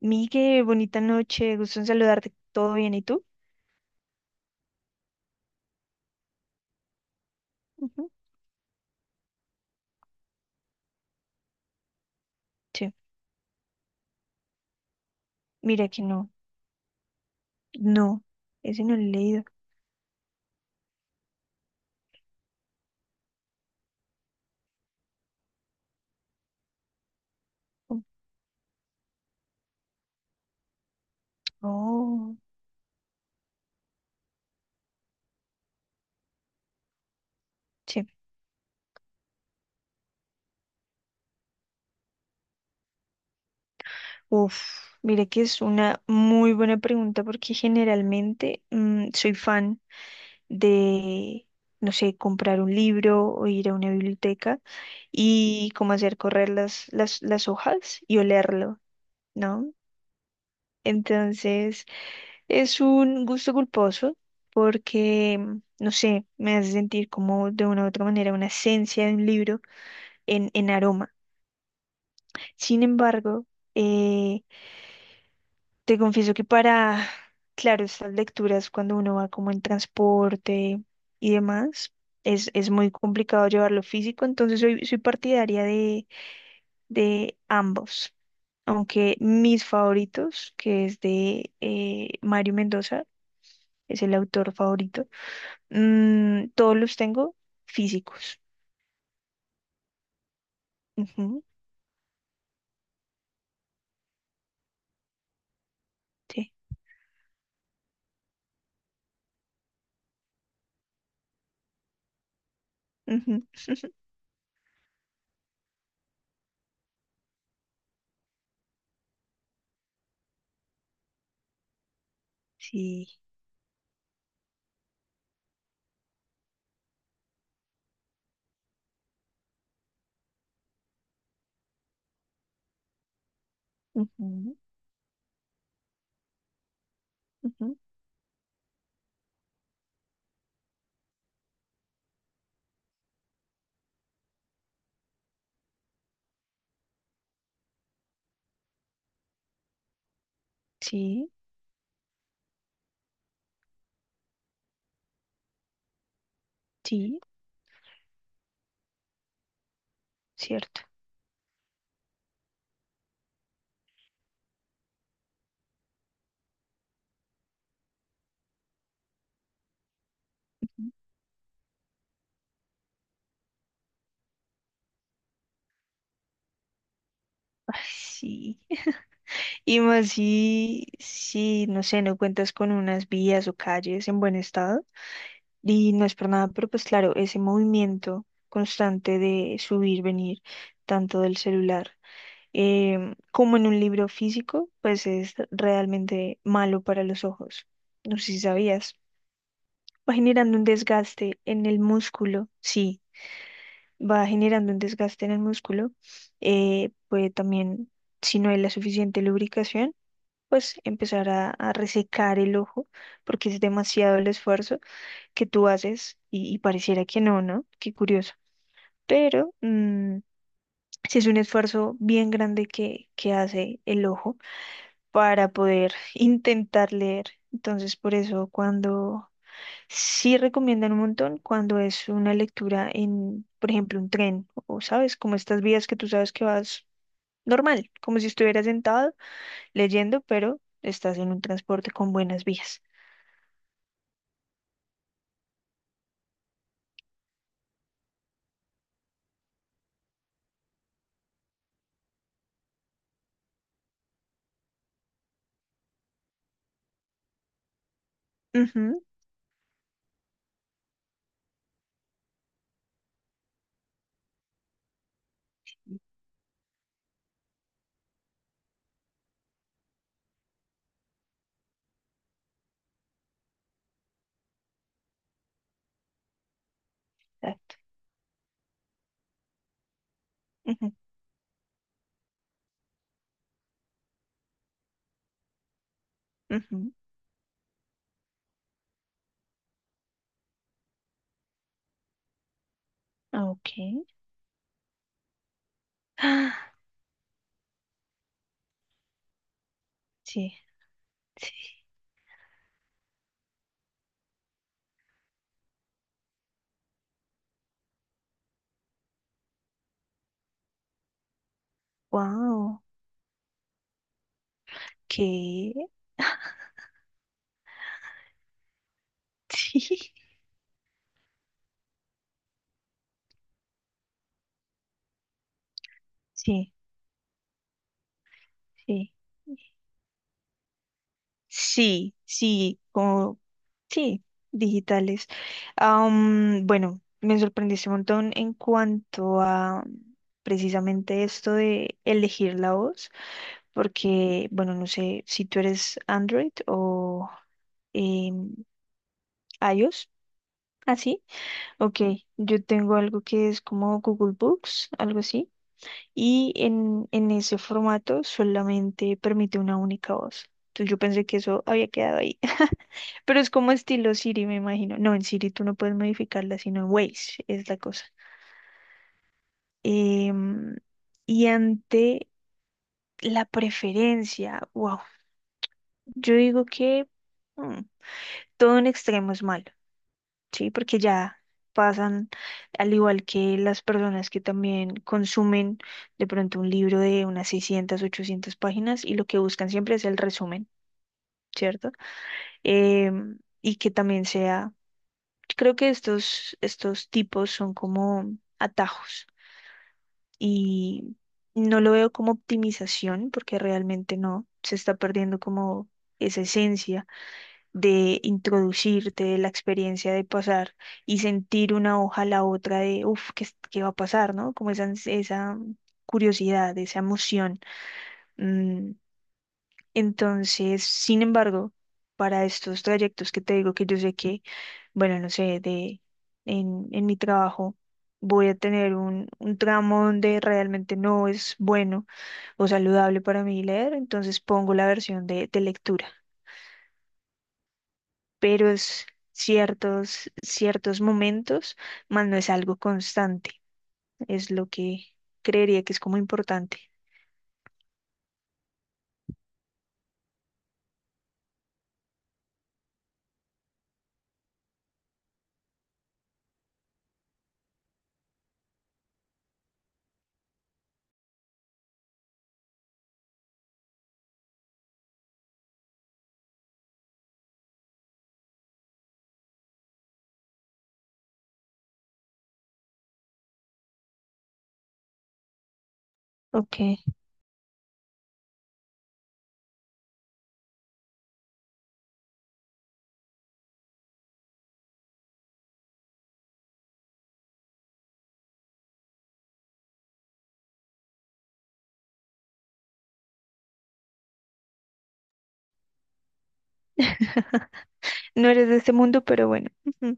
Migue, bonita noche, gusto en saludarte. ¿Todo bien? ¿Y tú? Ujú. Sí, mira que no. No, ese no lo he leído. Oh, sí. Uf, mira que es una muy buena pregunta porque generalmente soy fan de, no sé, comprar un libro o ir a una biblioteca y como hacer correr las hojas y olerlo, ¿no? Entonces, es un gusto culposo porque, no sé, me hace sentir como de una u otra manera una esencia de un libro en aroma. Sin embargo, eh, te confieso que para, claro, estas lecturas cuando uno va como en transporte y demás, es muy complicado llevarlo físico, entonces soy partidaria de ambos. Aunque mis favoritos, que es de Mario Mendoza, es el autor favorito. Todos los tengo físicos. Ujú, sí, ujú, sí, ujú, ujú, sí, sí, cierto. Ujú. Ay, sí. Y más si, no sé, no cuentas con unas vías o calles en buen estado. Y no es por nada, pero pues claro, ese movimiento constante de subir, venir, tanto del celular como en un libro físico, pues es realmente malo para los ojos. No sé si sabías. Va generando un desgaste en el músculo, sí, va generando un desgaste en el músculo, puede también, si no hay la suficiente lubricación, pues empezar a resecar el ojo, porque es demasiado el esfuerzo que tú haces y pareciera que no, ¿no? Qué curioso. Pero sí es un esfuerzo bien grande que hace el ojo para poder intentar leer. Entonces, por eso cuando sí recomiendan un montón cuando es una lectura en, por ejemplo, un tren o, ¿sabes? Como estas vías que tú sabes que vas normal, como si estuvieras sentado leyendo, pero estás en un transporte con buenas vías. Ujú, exacto. Ujú, ujú. Ah, ok. Ah, sí, sí. Wow. ¿Qué? Sí, sí, sí. Sí, sí, como sí, digitales. Bueno, me sorprendiste un montón en cuanto a precisamente esto de elegir la voz, porque, bueno, no sé si tú eres Android o em, iOS, así. Ok, yo tengo algo que es como Google Books, algo así, y en ese formato solamente permite una única voz. Entonces yo pensé que eso había quedado ahí. Pero es como estilo Siri, me imagino. No, en Siri tú no puedes modificarla, sino en Waze es la cosa. Em, y ante la preferencia, wow, yo digo que mm, todo en extremo es malo, ¿sí? Porque ya pasan, al igual que las personas que también consumen de pronto un libro de unas 600 800 páginas y lo que buscan siempre es el resumen, ¿cierto? Y que también sea creo que estos tipos son como atajos y no lo veo como optimización porque realmente no, se está perdiendo como esa esencia de introducirte, de la experiencia de pasar y sentir una hoja a la otra de, uff, ¿qué, qué va a pasar? ¿No? Como esa, esa curiosidad, esa emoción. mm, entonces, sin embargo, para estos trayectos que te digo que yo sé que, bueno, no sé, de en mi trabajo voy a tener un tramo donde realmente no es bueno o saludable para mí leer, entonces pongo la versión de lectura. Pero es ciertos momentos, más no es algo constante, es lo que creería que es como importante. Ok. No eres de este mundo, pero bueno. Ujú,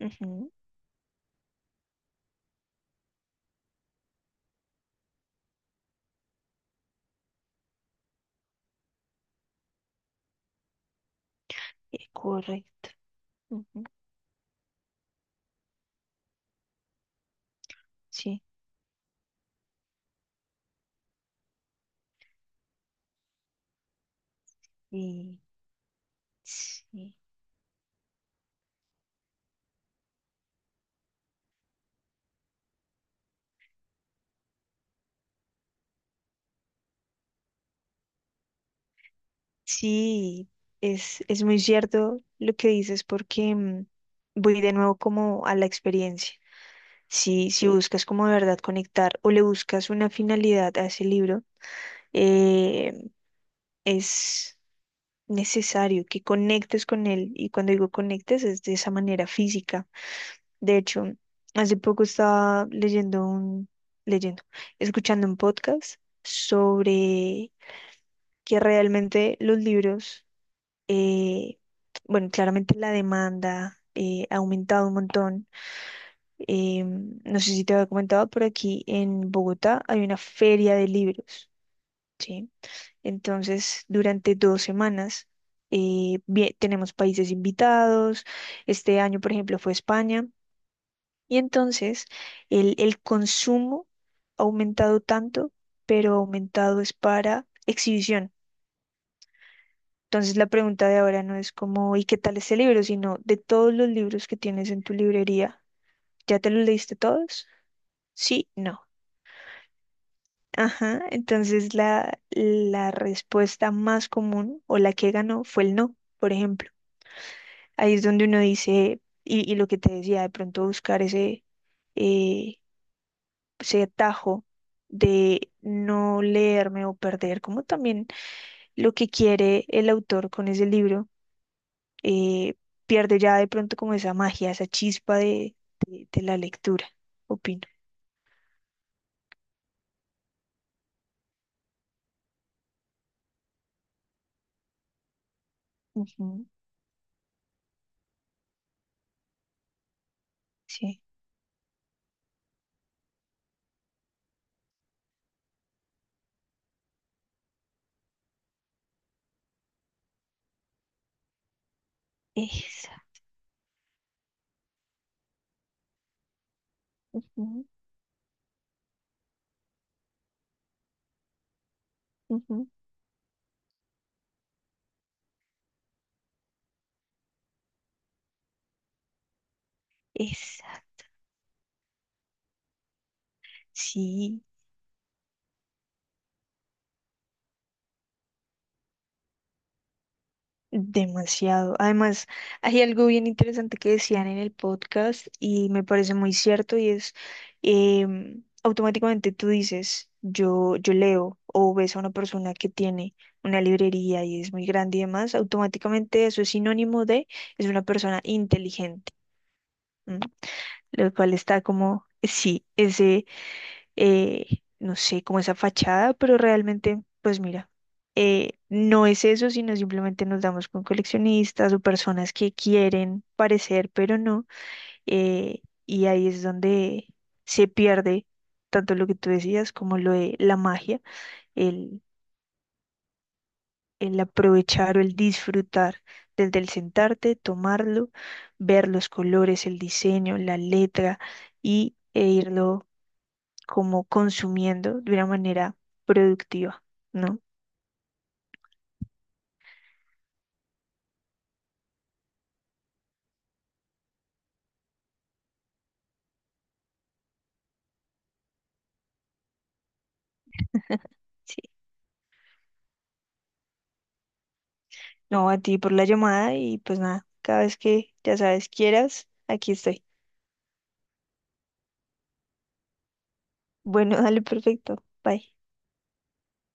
ujú, correcto. Ujú, sí, y sí, sí, es muy cierto lo que dices porque voy de nuevo como a la experiencia. Si buscas como de verdad conectar o le buscas una finalidad a ese libro, eh, es necesario que conectes con él. Y cuando digo conectes es de esa manera física. De hecho, hace poco estaba leyendo, escuchando un podcast sobre que realmente los libros, eh, bueno, claramente la demanda ha aumentado un montón. No sé si te había comentado, pero aquí en Bogotá hay una feria de libros, ¿sí? Entonces, durante 2 semanas tenemos países invitados. Este año, por ejemplo, fue España. Y entonces, el consumo ha aumentado tanto, pero aumentado es para exhibición. Entonces la pregunta de ahora no es como, ¿y qué tal este libro?, sino de todos los libros que tienes en tu librería, ¿ya te los leíste todos? Sí, no. Ajá, entonces la respuesta más común o la que ganó fue el no, por ejemplo. Ahí es donde uno dice, y lo que te decía, de pronto buscar eh, ese atajo de no leerme o perder, como también lo que quiere el autor con ese libro eh, pierde ya de pronto como esa magia, esa chispa de la lectura, opino. Ujú, sí, esa, ujú, ujú, esa, sí, demasiado. Además, hay algo bien interesante que decían en el podcast y me parece muy cierto y es, automáticamente tú dices, yo leo o ves a una persona que tiene una librería y es muy grande y demás, automáticamente eso es sinónimo de es una persona inteligente, ¿m? Lo cual está como, sí, ese, eh, no sé, como esa fachada, pero realmente, pues mira, no es eso, sino simplemente nos damos con coleccionistas o personas que quieren parecer, pero no, eh, y ahí es donde se pierde tanto lo que tú decías como lo de la magia, el, el aprovechar o el disfrutar desde el sentarte, tomarlo, ver los colores, el diseño, la letra y e irlo como consumiendo de una manera productiva, ¿no? Sí. No, a ti por la llamada y pues nada, cada vez que ya sabes quieras, aquí estoy. Bueno, dale, perfecto. Bye.